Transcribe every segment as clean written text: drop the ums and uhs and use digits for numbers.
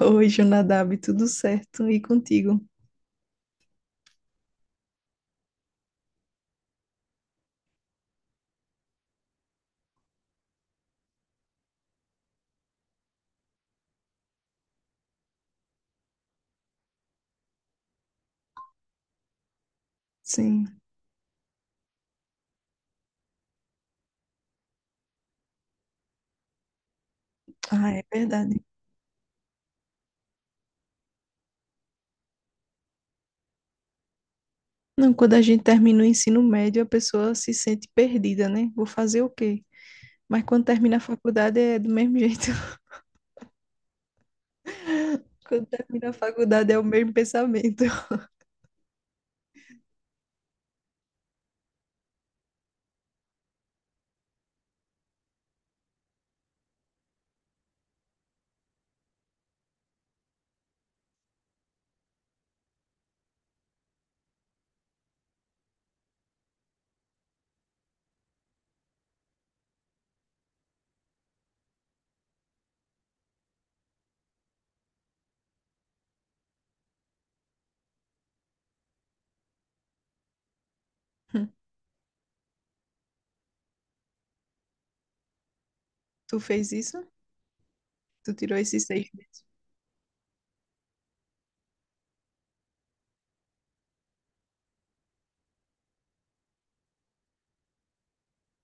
Oi, Jonadab, tudo certo? E contigo? Sim. Ah, é verdade. Não, quando a gente termina o ensino médio, a pessoa se sente perdida, né? Vou fazer o quê? Mas quando termina a faculdade é do mesmo jeito. Quando termina a faculdade é o mesmo pensamento. Tu fez isso? Tu tirou esses 6 meses?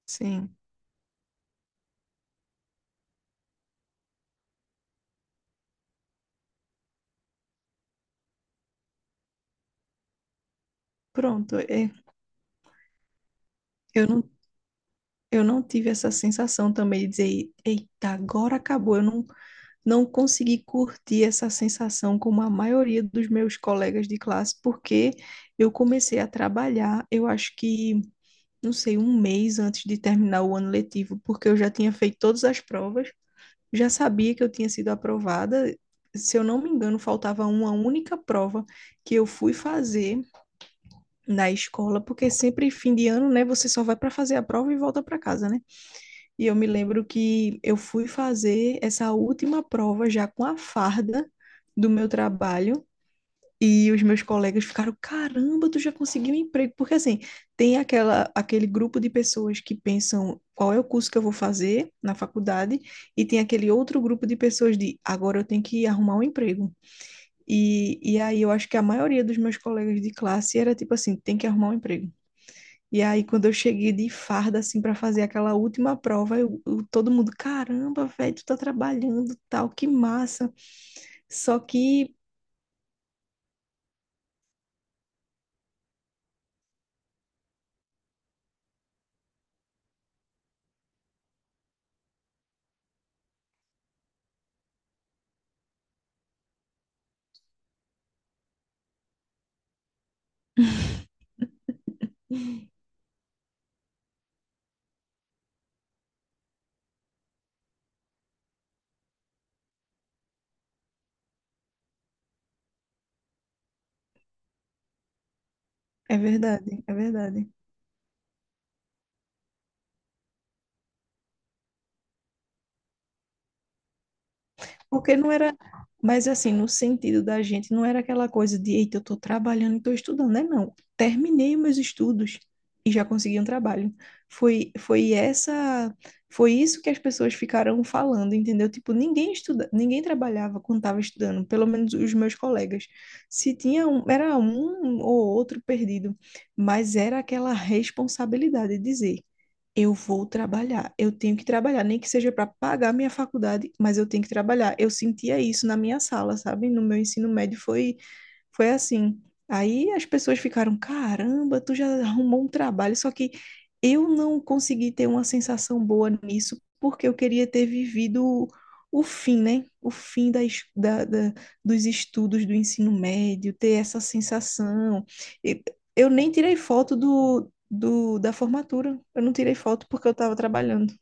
Sim. Pronto, eu não, eu não tive essa sensação também de dizer, eita, agora acabou. Eu não consegui curtir essa sensação como a maioria dos meus colegas de classe, porque eu comecei a trabalhar, eu acho que, não sei, um mês antes de terminar o ano letivo, porque eu já tinha feito todas as provas, já sabia que eu tinha sido aprovada. Se eu não me engano, faltava uma única prova que eu fui fazer na escola, porque sempre fim de ano, né, você só vai para fazer a prova e volta para casa, né? E eu me lembro que eu fui fazer essa última prova já com a farda do meu trabalho. E os meus colegas ficaram, caramba, tu já conseguiu um emprego. Porque assim, tem aquela, aquele grupo de pessoas que pensam qual é o curso que eu vou fazer na faculdade, e tem aquele outro grupo de pessoas de agora eu tenho que arrumar um emprego. E aí eu acho que a maioria dos meus colegas de classe era tipo assim, tem que arrumar um emprego. E aí, quando eu cheguei de farda, assim, para fazer aquela última prova, todo mundo, caramba, velho, tu tá trabalhando, tal, que massa. Só que, é verdade, é verdade. Porque não era, mas assim, no sentido da gente, não era aquela coisa de, eita, eu estou trabalhando e estou estudando, né? Não. Terminei meus estudos e já consegui um trabalho. Foi, foi essa, Foi isso que as pessoas ficaram falando, entendeu? Tipo, ninguém estuda, ninguém trabalhava quando estava estudando, pelo menos os meus colegas. Se tinha um, era um ou outro perdido, mas era aquela responsabilidade de dizer, eu vou trabalhar, eu tenho que trabalhar, nem que seja para pagar minha faculdade, mas eu tenho que trabalhar. Eu sentia isso na minha sala, sabe? No meu ensino médio foi assim. Aí as pessoas ficaram, caramba, tu já arrumou um trabalho, só que eu não consegui ter uma sensação boa nisso, porque eu queria ter vivido o fim, né? O fim da, es- da, da- dos estudos do ensino médio, ter essa sensação. E eu nem tirei foto da formatura, eu não tirei foto porque eu estava trabalhando.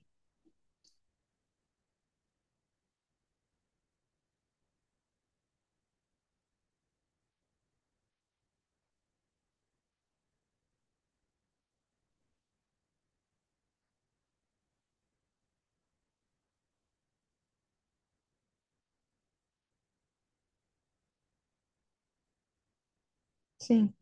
Sim.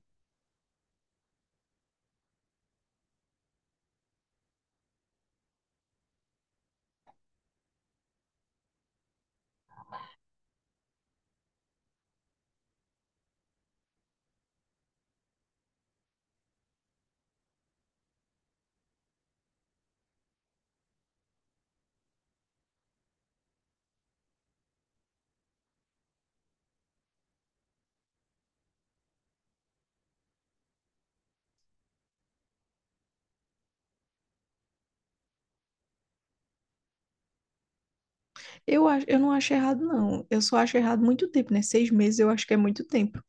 Eu acho, eu não acho errado, não. Eu só acho errado muito tempo, né? Seis meses eu acho que é muito tempo.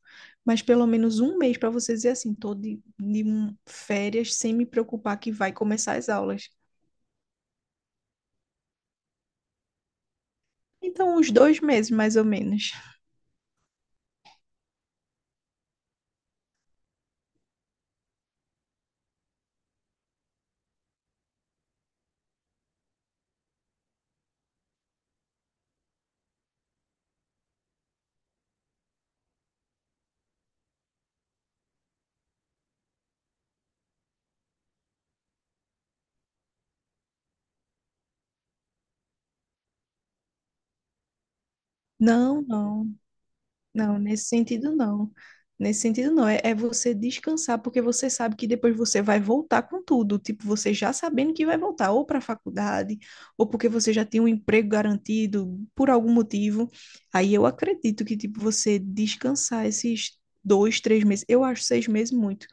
Mas pelo menos um mês para você dizer assim, tô férias sem me preocupar que vai começar as aulas. Então, uns 2 meses, mais ou menos. Não, não. Não, nesse sentido não. Nesse sentido não. É você descansar, porque você sabe que depois você vai voltar com tudo. Tipo, você já sabendo que vai voltar, ou para a faculdade, ou porque você já tem um emprego garantido por algum motivo. Aí eu acredito que, tipo, você descansar esses 2, 3 meses. Eu acho 6 meses muito.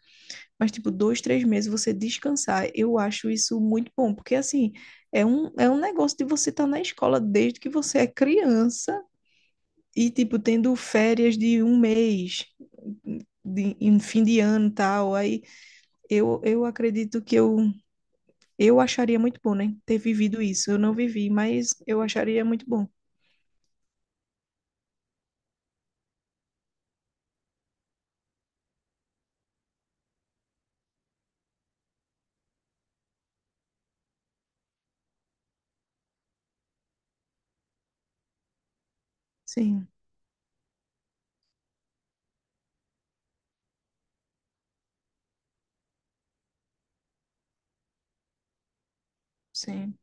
Mas, tipo, 2, 3 meses você descansar, eu acho isso muito bom. Porque, assim, é um negócio de você estar na escola desde que você é criança e, tipo, tendo férias de um mês, de, em fim de ano e tal. Aí eu acredito que eu acharia muito bom, né? Ter vivido isso. Eu não vivi, mas eu acharia muito bom. Sim, sim.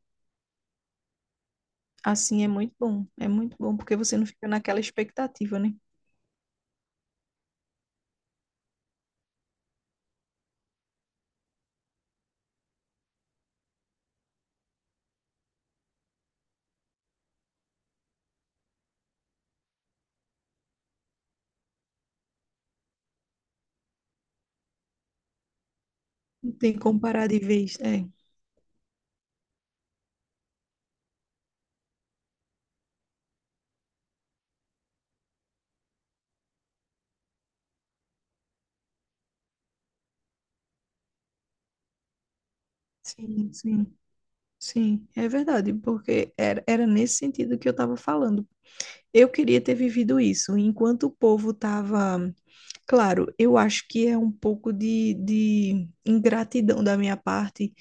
Assim é muito bom. É muito bom, porque você não fica naquela expectativa, né? Não tem como parar de vez. É, sim, sim. Sim, é verdade, porque era nesse sentido que eu estava falando. Eu queria ter vivido isso, enquanto o povo estava. Claro, eu acho que é um pouco de ingratidão da minha parte,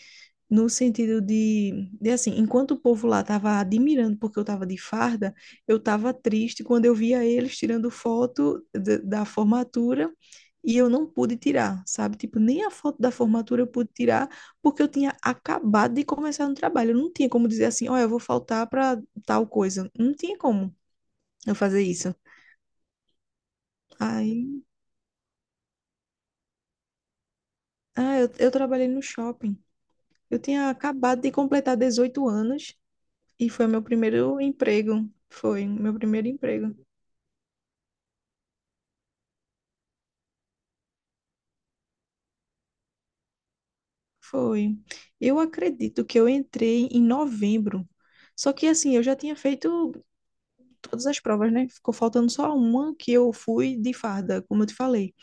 no sentido de assim, enquanto o povo lá estava admirando porque eu estava de farda, eu estava triste quando eu via eles tirando foto da formatura e eu não pude tirar, sabe? Tipo, nem a foto da formatura eu pude tirar porque eu tinha acabado de começar no trabalho. Eu não tinha como dizer assim, ó, eu vou faltar para tal coisa. Não tinha como eu fazer isso. Aí, eu trabalhei no shopping. Eu tinha acabado de completar 18 anos e foi meu primeiro emprego. Foi meu primeiro emprego. Foi. Eu acredito que eu entrei em novembro. Só que assim, eu já tinha feito todas as provas, né? Ficou faltando só uma que eu fui de farda, como eu te falei.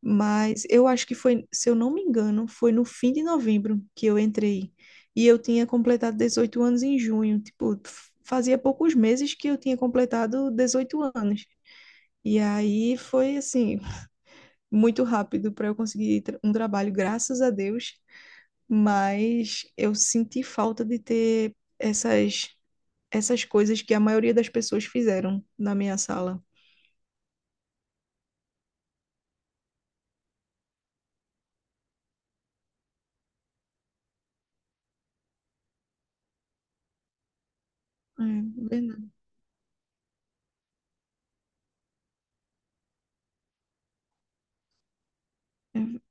Mas eu acho que foi, se eu não me engano, foi no fim de novembro que eu entrei. E eu tinha completado 18 anos em junho. Tipo, fazia poucos meses que eu tinha completado 18 anos. E aí foi assim, muito rápido para eu conseguir um trabalho, graças a Deus, mas eu senti falta de ter essas coisas que a maioria das pessoas fizeram na minha sala. É verdade.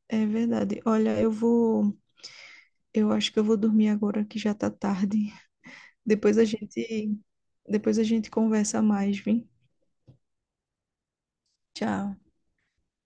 É verdade. Olha, eu acho que eu vou dormir agora que já tá tarde. Depois a gente depois a gente conversa mais, vem? Tchau.